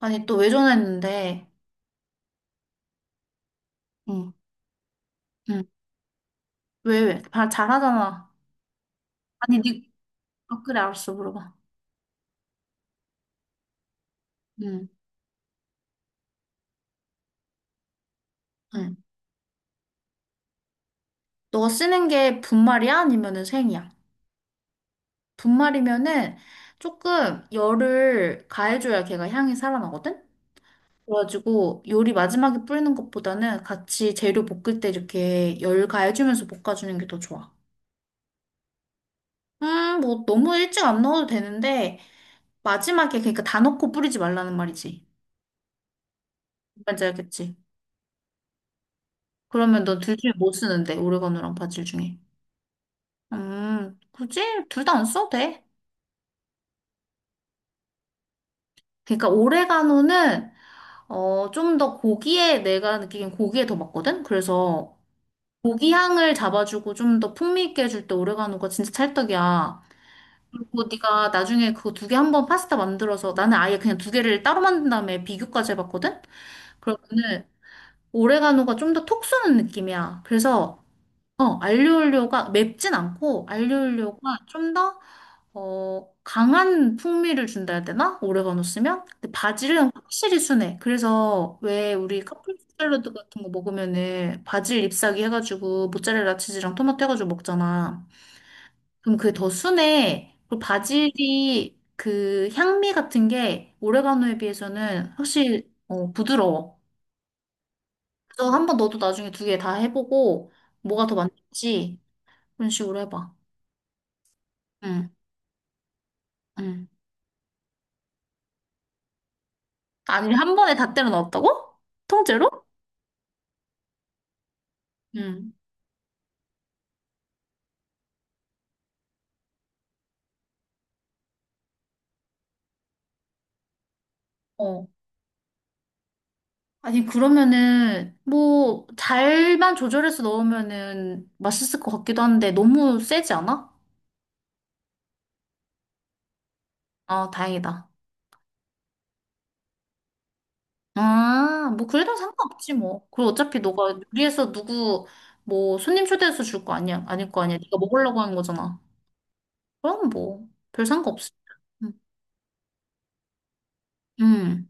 아니, 또 왜 전화했는데? 응. 응. 왜, 왜? 다 잘하잖아. 아니, 니, 아, 그래, 알았어, 물어봐. 응. 응. 너 쓰는 게 분말이야? 아니면은 생이야? 분말이면은 조금 열을 가해줘야 걔가 향이 살아나거든? 그래가지고 요리 마지막에 뿌리는 것보다는 같이 재료 볶을 때 이렇게 열 가해주면서 볶아주는 게 더 좋아. 뭐 너무 일찍 안 넣어도 되는데 마지막에 그러니까 다 넣고 뿌리지 말라는 말이지. 뭔지 알겠지? 그러면 넌 둘 중에 뭐 쓰는데? 오레가노랑 바질 중에. 굳이 둘 다 안 써도 돼. 그러니까 오레가노는 어, 좀 더 고기에 내가 느끼기엔 고기에 더 맞거든? 그래서 고기 향을 잡아주고 좀 더 풍미 있게 해줄 때 오레가노가 진짜 찰떡이야. 그리고 네가 나중에 그거 두 개 한 번 파스타 만들어서 나는 아예 그냥 두 개를 따로 만든 다음에 비교까지 해봤거든? 그러면은 오레가노가 좀 더 톡 쏘는 느낌이야. 그래서 어, 알리올리오가 맵진 않고 알리올리오가 좀 더, 어, 강한 풍미를 준다 해야 되나? 오레가노 쓰면? 근데 바질은 확실히 순해. 그래서 왜 우리 카프리 샐러드 같은 거 먹으면은 바질 잎사귀 해가지고 모짜렐라 치즈랑 토마토 해가지고 먹잖아. 그럼 그게 더 순해. 그리고 바질이 그 향미 같은 게 오레가노에 비해서는 확실히 어, 부드러워. 그래서 한번 너도 나중에 두 개 다 해보고 뭐가 더 맞는지 그런 식으로 해봐. 응, 응. 아니, 한 번에 다 때려 넣었다고? 통째로? 응. 어. 아니, 그러면은, 뭐, 잘만 조절해서 넣으면은 맛있을 것 같기도 한데, 너무 세지 않아? 아, 다행이다. 아, 뭐, 그래도 상관없지, 뭐. 그리고 어차피 너가 요리해서 누구, 뭐, 손님 초대해서 줄 거 아니야, 아닐 거 아니야. 네가 먹으려고 하는 거잖아. 그럼 뭐, 별 상관없어. 응. 응.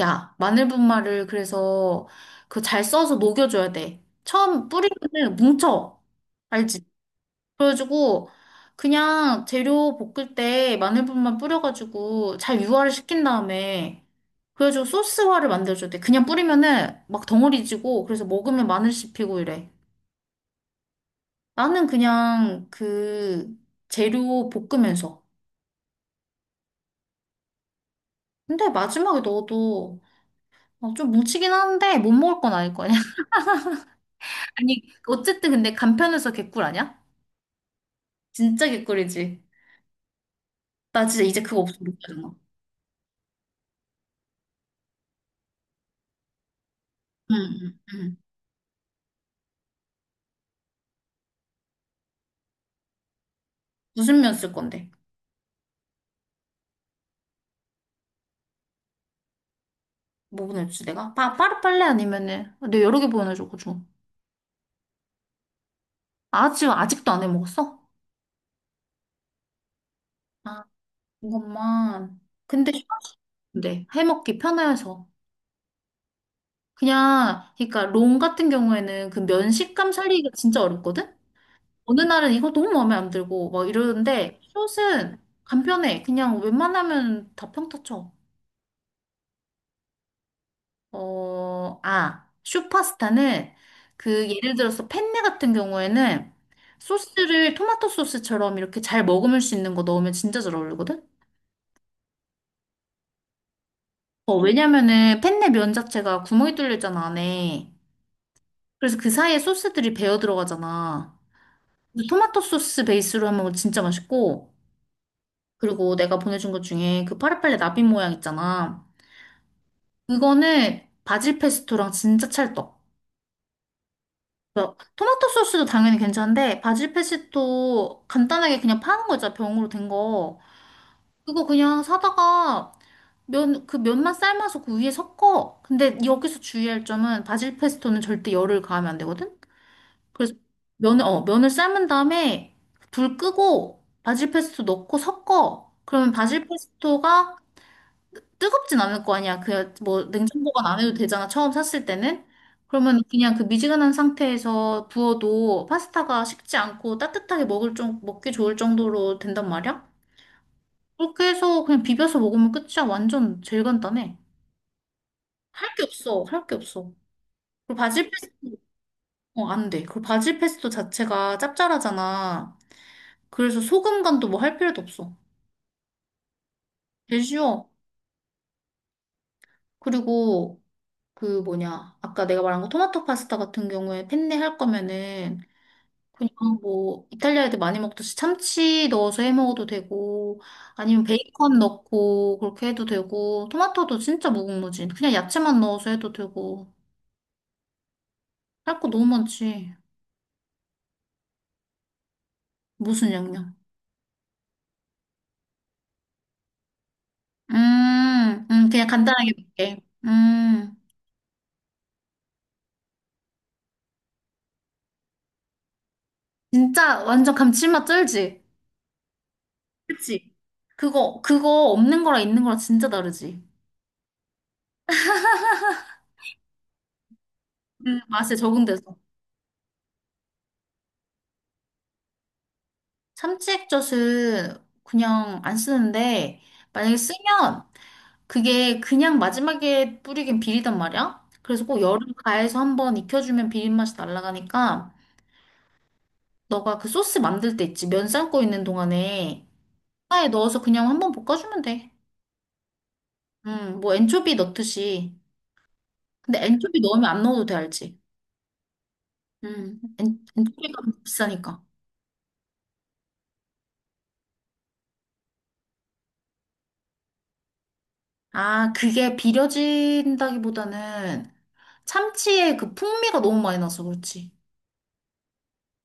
야, 마늘분말을 그래서 그 잘 써서 녹여줘야 돼. 처음 뿌리면은 뭉쳐. 알지? 그래가지고 그냥 재료 볶을 때 마늘분말 뿌려가지고 잘 유화를 시킨 다음에 그래가지고 소스화를 만들어줘야 돼. 그냥 뿌리면은 막 덩어리지고 그래서 먹으면 마늘 씹히고 이래. 나는 그냥 그 재료 볶으면서. 근데 마지막에 넣어도 어, 좀 뭉치긴 하는데 못 먹을 건 아닐 거야. 아니, 어쨌든 근데 간편해서 개꿀 아니야? 진짜 개꿀이지. 나 진짜 이제 그거 없으면 못 살아. 응, 응, 응. 무슨 면 쓸 건데? 뭐 보내주지 내가? 파, 파르팔레 아니면은 내가 여러 개 보내줘가지고. 아, 지금 아직도 안 해먹었어? 아, 이것만. 근데 근데 해먹기 편해서. 그냥, 그러니까 롱 같은 경우에는 그 면 식감 살리기가 진짜 어렵거든? 어느 날은 이거 너무 마음에 안 들고 막 이러는데 숏은 간편해. 그냥 웬만하면 다 평타 쳐. 어, 아, 슈퍼스타는 그 예를 들어서 펜네 같은 경우에는 소스를 토마토 소스처럼 이렇게 잘 머금을 수 있는 거 넣으면 진짜 잘 어울리거든? 어, 왜냐면은 펜네 면 자체가 구멍이 뚫려 있잖아, 안에. 그래서 그 사이에 소스들이 배어 들어가잖아. 근데 토마토 소스 베이스로 하면 진짜 맛있고, 그리고 내가 보내준 것 중에 그 파리팔레 나비 모양 있잖아. 그거는 바질 페스토랑 진짜 찰떡. 그래서 토마토 소스도 당연히 괜찮은데 바질 페스토 간단하게 그냥 파는 거 있잖아 병으로 된 거. 그거 그냥 사다가 면, 그 면만 삶아서 그 위에 섞어. 근데 여기서 주의할 점은 바질 페스토는 절대 열을 가하면 안 되거든. 그래서 면을 삶은 다음에 불 끄고 바질 페스토 넣고 섞어. 그러면 바질 페스토가 뜨겁진 않을 거 아니야. 그 뭐 냉장 보관 안 해도 되잖아. 처음 샀을 때는. 그러면 그냥 그 미지근한 상태에서 부어도 파스타가 식지 않고 따뜻하게 먹을 좀 먹기 좋을 정도로 된단 말이야. 그렇게 해서 그냥 비벼서 먹으면 끝이야. 완전 제일 간단해. 할 게 없어. 할 게 없어. 그리고 바질 페스토 어, 안 돼. 그리고 바질 페스토 자체가 짭짤하잖아. 그래서 소금 간도 뭐 할 필요도 없어. 제일 쉬워. 그리고 그 뭐냐 아까 내가 말한 거 토마토 파스타 같은 경우에 펜네 할 거면은 그냥 뭐 이탈리아 애들 많이 먹듯이 참치 넣어서 해 먹어도 되고 아니면 베이컨 넣고 그렇게 해도 되고 토마토도 진짜 무궁무진 그냥 야채만 넣어서 해도 되고 할 거 너무 많지. 무슨 양념. 음, 그냥 간단하게 먹게 진짜 완전 감칠맛 쩔지. 그치. 그거 그거 없는 거랑 있는 거랑 진짜 다르지. 그 맛에 적응돼서. 참치 액젓은 그냥 안 쓰는데 만약에 쓰면 그게 그냥 마지막에 뿌리긴 비리단 말이야. 그래서 꼭열 여름 가해서 한번 익혀주면 비린맛이 날아가니까 너가 그 소스 만들 때 있지. 면 삶고 있는 동안에 파에 넣어서 그냥 한번 볶아주면 돼. 뭐 엔초비 넣듯이. 근데 엔초비 넣으면 안 넣어도 돼, 알지? 엔초비가 비싸니까. 아, 그게 비려진다기보다는 참치의 그 풍미가 너무 많이 나서 그렇지.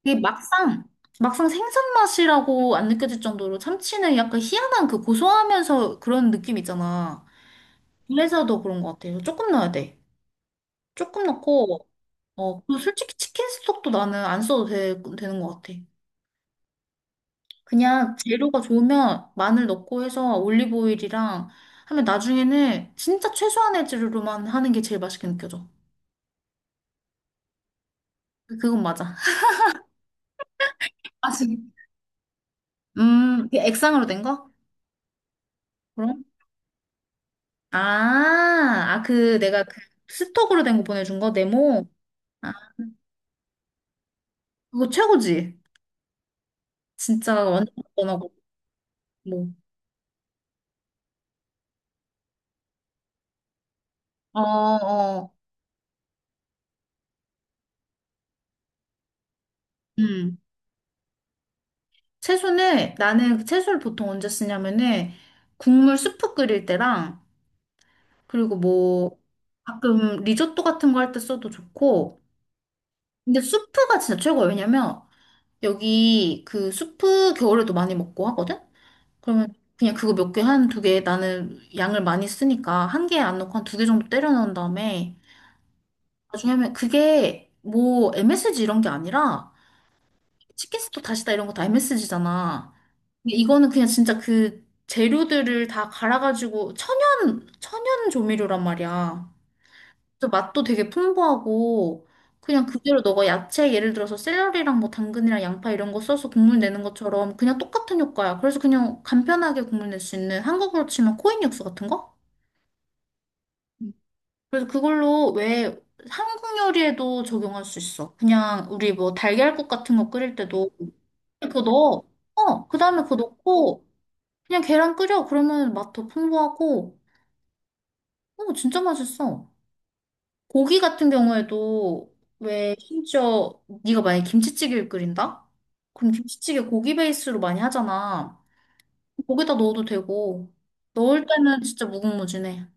이게 막상 막상 생선 맛이라고 안 느껴질 정도로 참치는 약간 희한한 그 고소하면서 그런 느낌 있잖아. 그래서 더 그런 것 같아요. 조금 넣어야 돼. 조금 넣고 어, 그리고 솔직히 치킨 스톡도 나는 안 써도 되는 것 같아. 그냥 재료가 좋으면 마늘 넣고 해서 올리브 오일이랑 하면 나중에는 진짜 최소한의 재료로만 하는 게 제일 맛있게 느껴져. 그건 맞아. 아, 진 그 액상으로 된 거? 아, 아, 그 내가 그 스톡으로 된 거 보내준 거 네모. 아, 그거 최고지. 진짜 완전 간단하고 뭐. 어, 어. 음. 채소는 나는 그 채소를 보통 언제 쓰냐면은 국물 수프 끓일 때랑 그리고 뭐 가끔 리조또 같은 거 할 때 써도 좋고. 근데 수프가 진짜 최고예요. 왜냐면 여기 그 수프 겨울에도 많이 먹고 하거든. 그러면 그냥 그거 몇 개, 한 두 개, 나는 양을 많이 쓰니까 한 개 안 넣고 한 두 개 정도 때려 넣은 다음에 나중에 하면 그게 뭐 MSG 이런 게 아니라 치킨 스톡 다시다 이런 거 다 MSG잖아. 근데 이거는 그냥 진짜 그 재료들을 다 갈아가지고 천연 조미료란 말이야. 그래서 맛도 되게 풍부하고 그냥 그대로 너가 야채 예를 들어서 샐러리랑 뭐 당근이랑 양파 이런 거 써서 국물 내는 것처럼 그냥 똑같은 효과야. 그래서 그냥 간편하게 국물 낼 수 있는 한국으로 치면 코인 육수 같은 거? 음. 그래서 그걸로 왜 한국 요리에도 적용할 수 있어. 그냥 우리 뭐 달걀국 같은 거 끓일 때도 그거 넣어. 어, 그 다음에 그거 넣고 그냥 계란 끓여. 그러면 맛 더 풍부하고 어, 진짜 맛있어. 고기 같은 경우에도 왜 심지어 네가 만약에 김치찌개를 끓인다? 그럼 김치찌개 고기 베이스로 많이 하잖아. 거기다 넣어도 되고 넣을 때는 진짜 무궁무진해.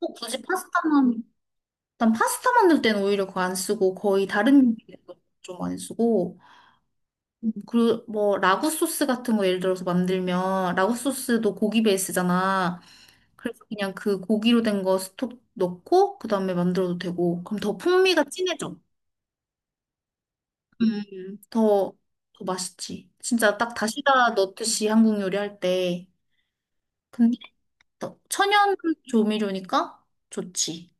꼭 굳이 파스타만. 난 파스타 만들 때는 오히려 그거 안 쓰고 거의 다른 요리에도 좀 많이 쓰고 그리고 뭐 라구 소스 같은 거 예를 들어서 만들면 라구 소스도 고기 베이스잖아. 그래서 그냥 그 고기로 된 거 스톡 넣고 그다음에 만들어도 되고 그럼 더 풍미가 진해져. 더, 더 맛있지. 진짜 딱 다시다 넣듯이 한국 요리할 때. 근데 또 천연 조미료니까 좋지.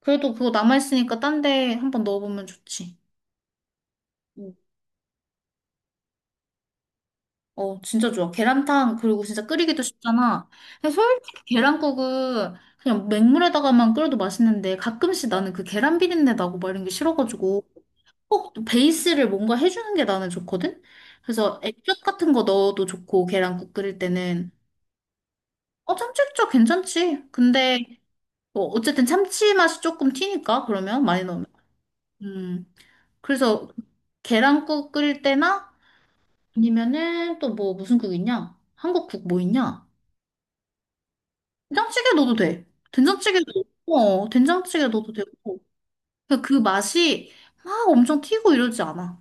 그래도 그거 남아있으니까 딴데 한번 넣어보면 좋지. 응. 어, 진짜 좋아. 계란탕, 그리고 진짜 끓이기도 쉽잖아. 근데 솔직히 계란국은 그냥 맹물에다가만 끓여도 맛있는데 가끔씩 나는 그 계란 비린내 나고 막 이런 게 싫어가지고 꼭 베이스를 뭔가 해주는 게 나는 좋거든? 그래서 액젓 같은 거 넣어도 좋고, 계란국 끓일 때는. 어, 참치국자 괜찮지. 근데, 뭐, 어쨌든 참치 맛이 조금 튀니까, 그러면, 많이 넣으면. 음, 그래서, 계란국 끓일 때나, 아니면은, 또 뭐, 무슨 국 있냐? 한국 국 뭐 있냐? 된장찌개 넣어도 돼. 된장찌개도, 어, 된장찌개 넣어도 되고. 그러니까 그 맛이 막 엄청 튀고 이러지 않아.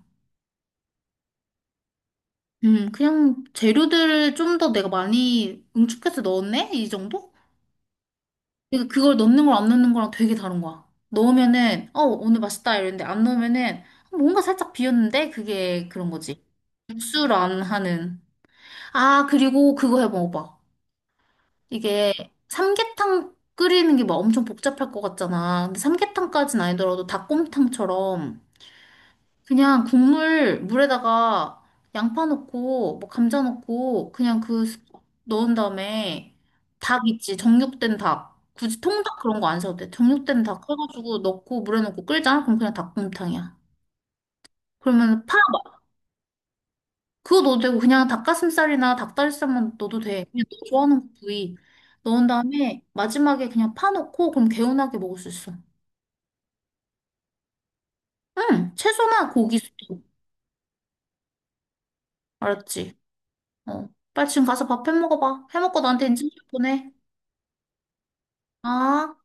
그냥 재료들을 좀 더 내가 많이 응축해서 넣었네? 이 정도? 그러니까 그걸 넣는 거랑 안 넣는 거랑 되게 다른 거야. 넣으면은 어 오늘 맛있다 이랬는데 안 넣으면은 뭔가 살짝 비었는데 그게 그런 거지. 육수안 하는. 아 그리고 그거 해 먹어봐. 이게 삼계탕 끓이는 게 막 엄청 복잡할 것 같잖아. 근데 삼계탕까진 아니더라도 닭곰탕처럼 그냥 국물 물에다가 양파 넣고 뭐 감자 넣고 그냥 그 스- 넣은 다음에 닭 있지 정육된 닭 굳이 통닭 그런 거 안 사도 돼 정육된 닭 해가지고 넣고 물에 넣고 끓이잖아 그럼 그냥 닭곰탕이야. 그러면 파 마- 그거 넣어도 되고 그냥 닭가슴살이나 닭다리살만 넣어도 돼 그냥 너 좋아하는 부위 넣은 다음에 마지막에 그냥 파 넣고 그럼 개운하게 먹을 수 있어. 응 채소나 고기 수도. 알았지? 어 빨리 지금 가서 밥 해 먹어봐 해 먹고 나한테 인증샷 보내. 아,